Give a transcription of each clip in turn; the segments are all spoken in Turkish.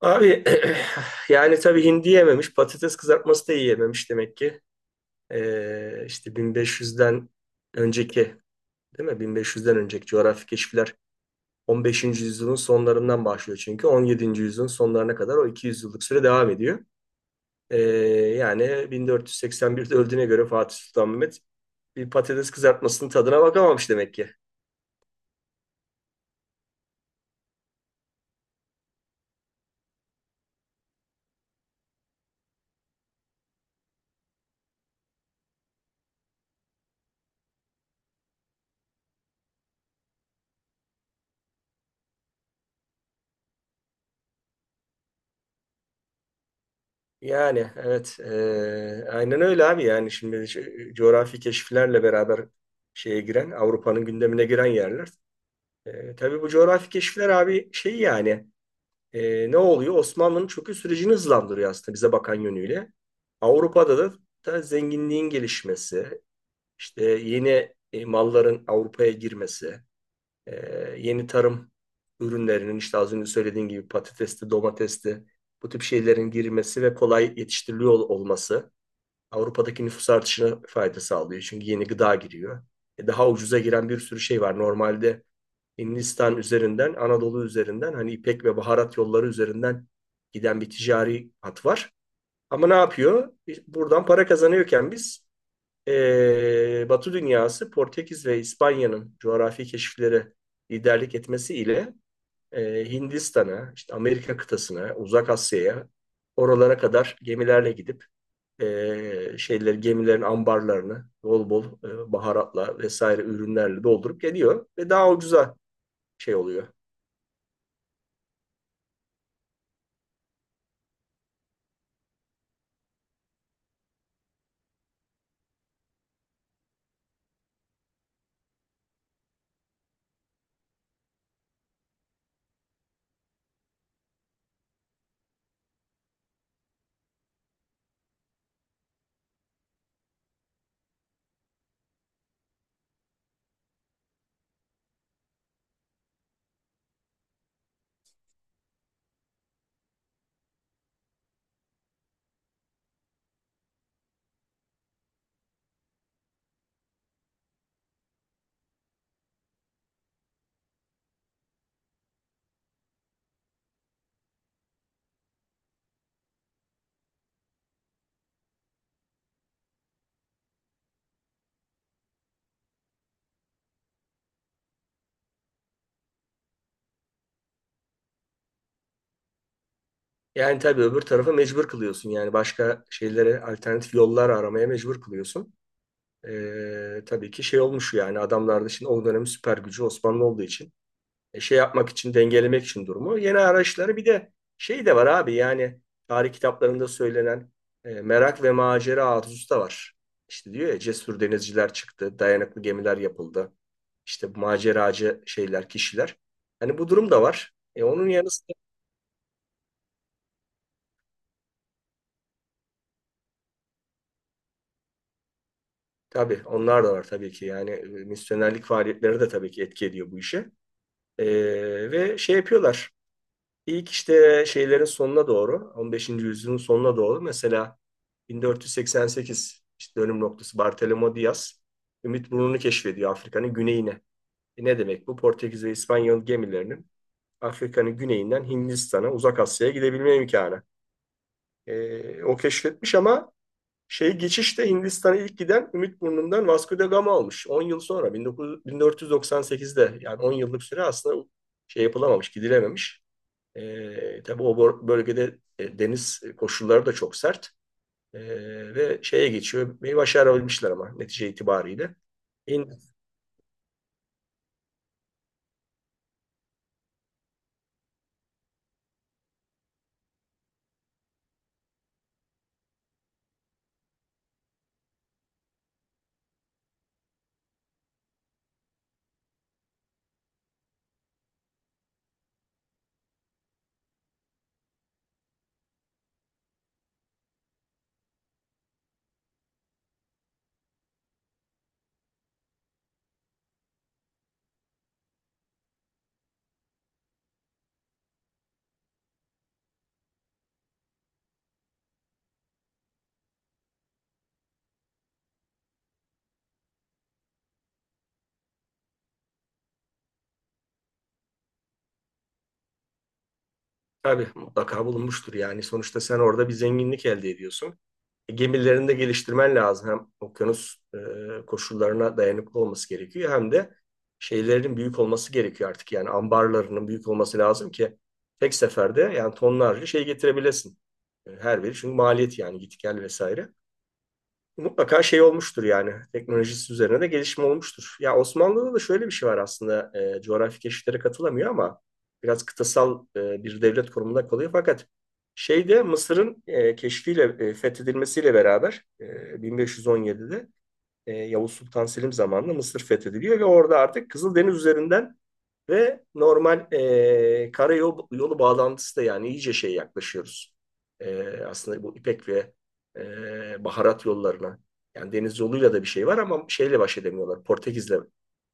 Abi yani tabii hindi yememiş, patates kızartması da yiyememiş demek ki. İşte 1500'den önceki, değil mi? 1500'den önceki coğrafi keşifler 15. yüzyılın sonlarından başlıyor, çünkü 17. yüzyılın sonlarına kadar o 200 yıllık süre devam ediyor. Ee, yani 1481'de öldüğüne göre Fatih Sultan Mehmet bir patates kızartmasının tadına bakamamış demek ki. Yani evet, aynen öyle abi. Yani şimdi şu coğrafi keşiflerle beraber şeye giren, Avrupa'nın gündemine giren yerler. Tabii bu coğrafi keşifler abi, şey yani, ne oluyor? Osmanlı'nın çöküş sürecini hızlandırıyor aslında, bize bakan yönüyle. Avrupa'da da zenginliğin gelişmesi, işte yeni malların Avrupa'ya girmesi, e, yeni tarım ürünlerinin, işte az önce söylediğin gibi, patatesti, domatesti, bu tip şeylerin girmesi ve kolay yetiştiriliyor olması Avrupa'daki nüfus artışına fayda sağlıyor. Çünkü yeni gıda giriyor. Daha ucuza giren bir sürü şey var. Normalde Hindistan üzerinden, Anadolu üzerinden, hani ipek ve baharat yolları üzerinden giden bir ticari hat var. Ama ne yapıyor? Buradan para kazanıyorken biz, Batı dünyası, Portekiz ve İspanya'nın coğrafi keşiflere liderlik etmesiyle Hindistan'a, işte Amerika kıtasına, Uzak Asya'ya, oralara kadar gemilerle gidip şeyler, gemilerin ambarlarını bol bol baharatla vesaire ürünlerle doldurup geliyor ve daha ucuza şey oluyor. Yani tabii öbür tarafa mecbur kılıyorsun. Yani başka şeylere alternatif yollar aramaya mecbur kılıyorsun. Tabii ki şey olmuş yani. Adamlarda, şimdi o dönemin süper gücü Osmanlı olduğu için, şey yapmak için, dengelemek için durumu, yeni araçları. Bir de şey de var abi, yani tarih kitaplarında söylenen merak ve macera arzusu da var. İşte diyor ya, cesur denizciler çıktı, dayanıklı gemiler yapıldı. İşte bu maceracı şeyler, kişiler. Hani bu durum da var. Onun yanı sıra tabii onlar da var, tabii ki. Yani misyonerlik faaliyetleri de tabii ki etki ediyor bu işe. E, ve şey yapıyorlar. İlk, işte şeylerin sonuna doğru, 15. yüzyılın sonuna doğru, mesela 1488 işte dönüm noktası. Bartolomé Diaz Ümit Burnu'nu keşfediyor, Afrika'nın güneyine. Ne demek bu? Portekiz ve İspanyol gemilerinin Afrika'nın güneyinden Hindistan'a, Uzak Asya'ya gidebilme imkanı. O keşfetmiş ama şey, geçişte Hindistan'a ilk giden Ümit Burnu'ndan Vasco da Gama olmuş. 10 yıl sonra, 1900 1498'de, yani 10 yıllık süre aslında şey yapılamamış, gidilememiş. Tabii o bölgede deniz koşulları da çok sert. E, ve şeye geçiyor. Bir başarabilmişler ama netice itibariyle. İn, tabii mutlaka bulunmuştur yani. Sonuçta sen orada bir zenginlik elde ediyorsun. Gemilerini de geliştirmen lazım. Hem okyanus koşullarına dayanıklı olması gerekiyor, hem de şeylerin büyük olması gerekiyor artık. Yani ambarlarının büyük olması lazım ki tek seferde yani tonlarca şey getirebilesin. Her biri çünkü maliyet, yani git gel vesaire. Mutlaka şey olmuştur yani. Teknolojisi üzerine de gelişme olmuştur. Ya Osmanlı'da da şöyle bir şey var aslında. Coğrafi keşiflere katılamıyor ama biraz kıtasal bir devlet konumunda kalıyor. Fakat şeyde, Mısır'ın keşfiyle, fethedilmesiyle beraber, 1517'de Yavuz Sultan Selim zamanında Mısır fethediliyor ve orada artık Kızıldeniz üzerinden ve normal karayolu yolu bağlantısı da, yani iyice şey, yaklaşıyoruz. Aslında bu İpek ve baharat yollarına. Yani deniz yoluyla da bir şey var ama şeyle baş edemiyorlar. Portekiz'le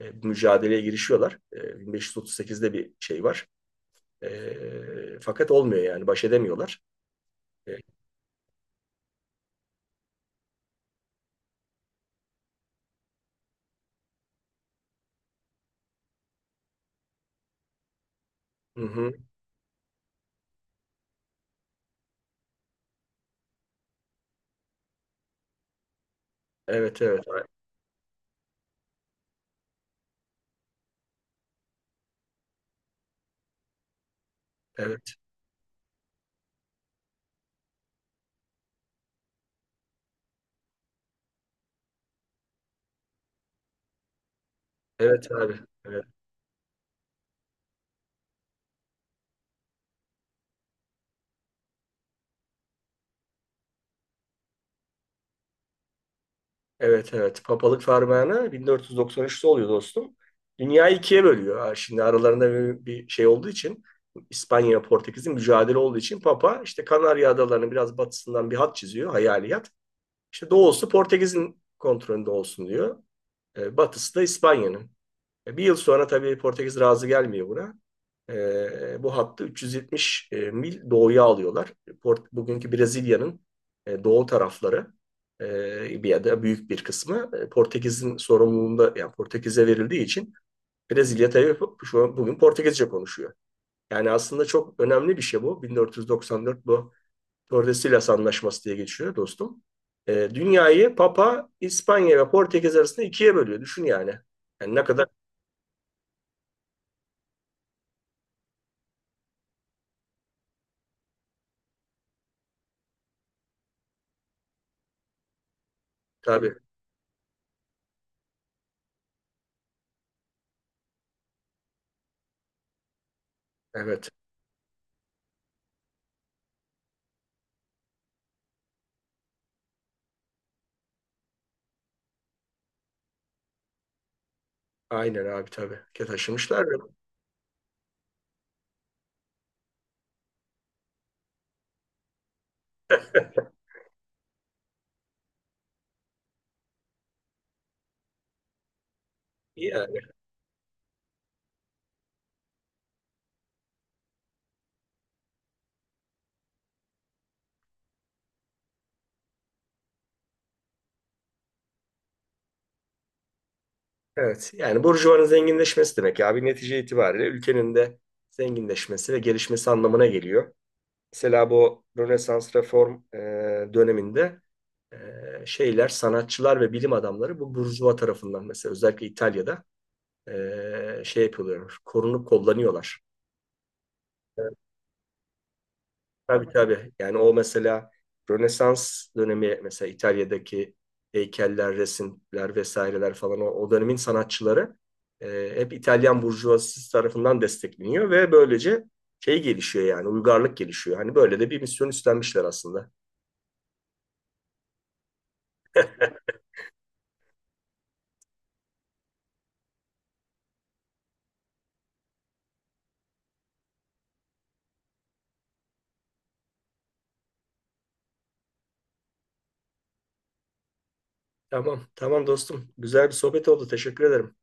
mücadeleye girişiyorlar. 1538'de bir şey var. Fakat olmuyor, yani baş edemiyorlar. E, hı hı. Evet, evet, evet, evet abi. Evet. Evet, evet. Papalık fermanı 1493'te oluyor dostum. Dünyayı ikiye bölüyor. Ha, şimdi aralarında bir şey olduğu için, İspanya ve Portekiz'in mücadele olduğu için, Papa işte Kanarya Adaları'nın biraz batısından bir hat çiziyor. Hayali hat. İşte doğusu Portekiz'in kontrolünde olsun diyor. Batısı da İspanya'nın. Bir yıl sonra tabii Portekiz razı gelmiyor buna. Bu hattı 370 mil doğuya alıyorlar. Bugünkü Brezilya'nın doğu tarafları, bir ya da büyük bir kısmı Portekiz'in sorumluluğunda, yani Portekiz'e verildiği için Brezilya tabii şu an bugün Portekizce konuşuyor. Yani aslında çok önemli bir şey bu. 1494, bu Tordesillas Anlaşması diye geçiyor dostum. Dünyayı Papa, İspanya ve Portekiz arasında ikiye bölüyor. Düşün yani. Yani ne kadar, tabii. Evet. Aynen abi, tabii. Taşımışlar. Ya, evet, yani burjuvanın zenginleşmesi demek ya abi, netice itibariyle ülkenin de zenginleşmesi ve gelişmesi anlamına geliyor. Mesela bu Rönesans reform döneminde, e, şeyler, sanatçılar ve bilim adamları bu burjuva tarafından, mesela özellikle İtalya'da şey yapıyorlar, korunup kollanıyorlar. Tabii, tabii. Yani o mesela Rönesans dönemi, mesela İtalya'daki heykeller, resimler vesaireler falan, o dönemin sanatçıları hep İtalyan burjuvazisi tarafından destekleniyor ve böylece şey gelişiyor, yani uygarlık gelişiyor. Hani böyle de bir misyon üstlenmişler aslında. Tamam, tamam dostum. Güzel bir sohbet oldu. Teşekkür ederim.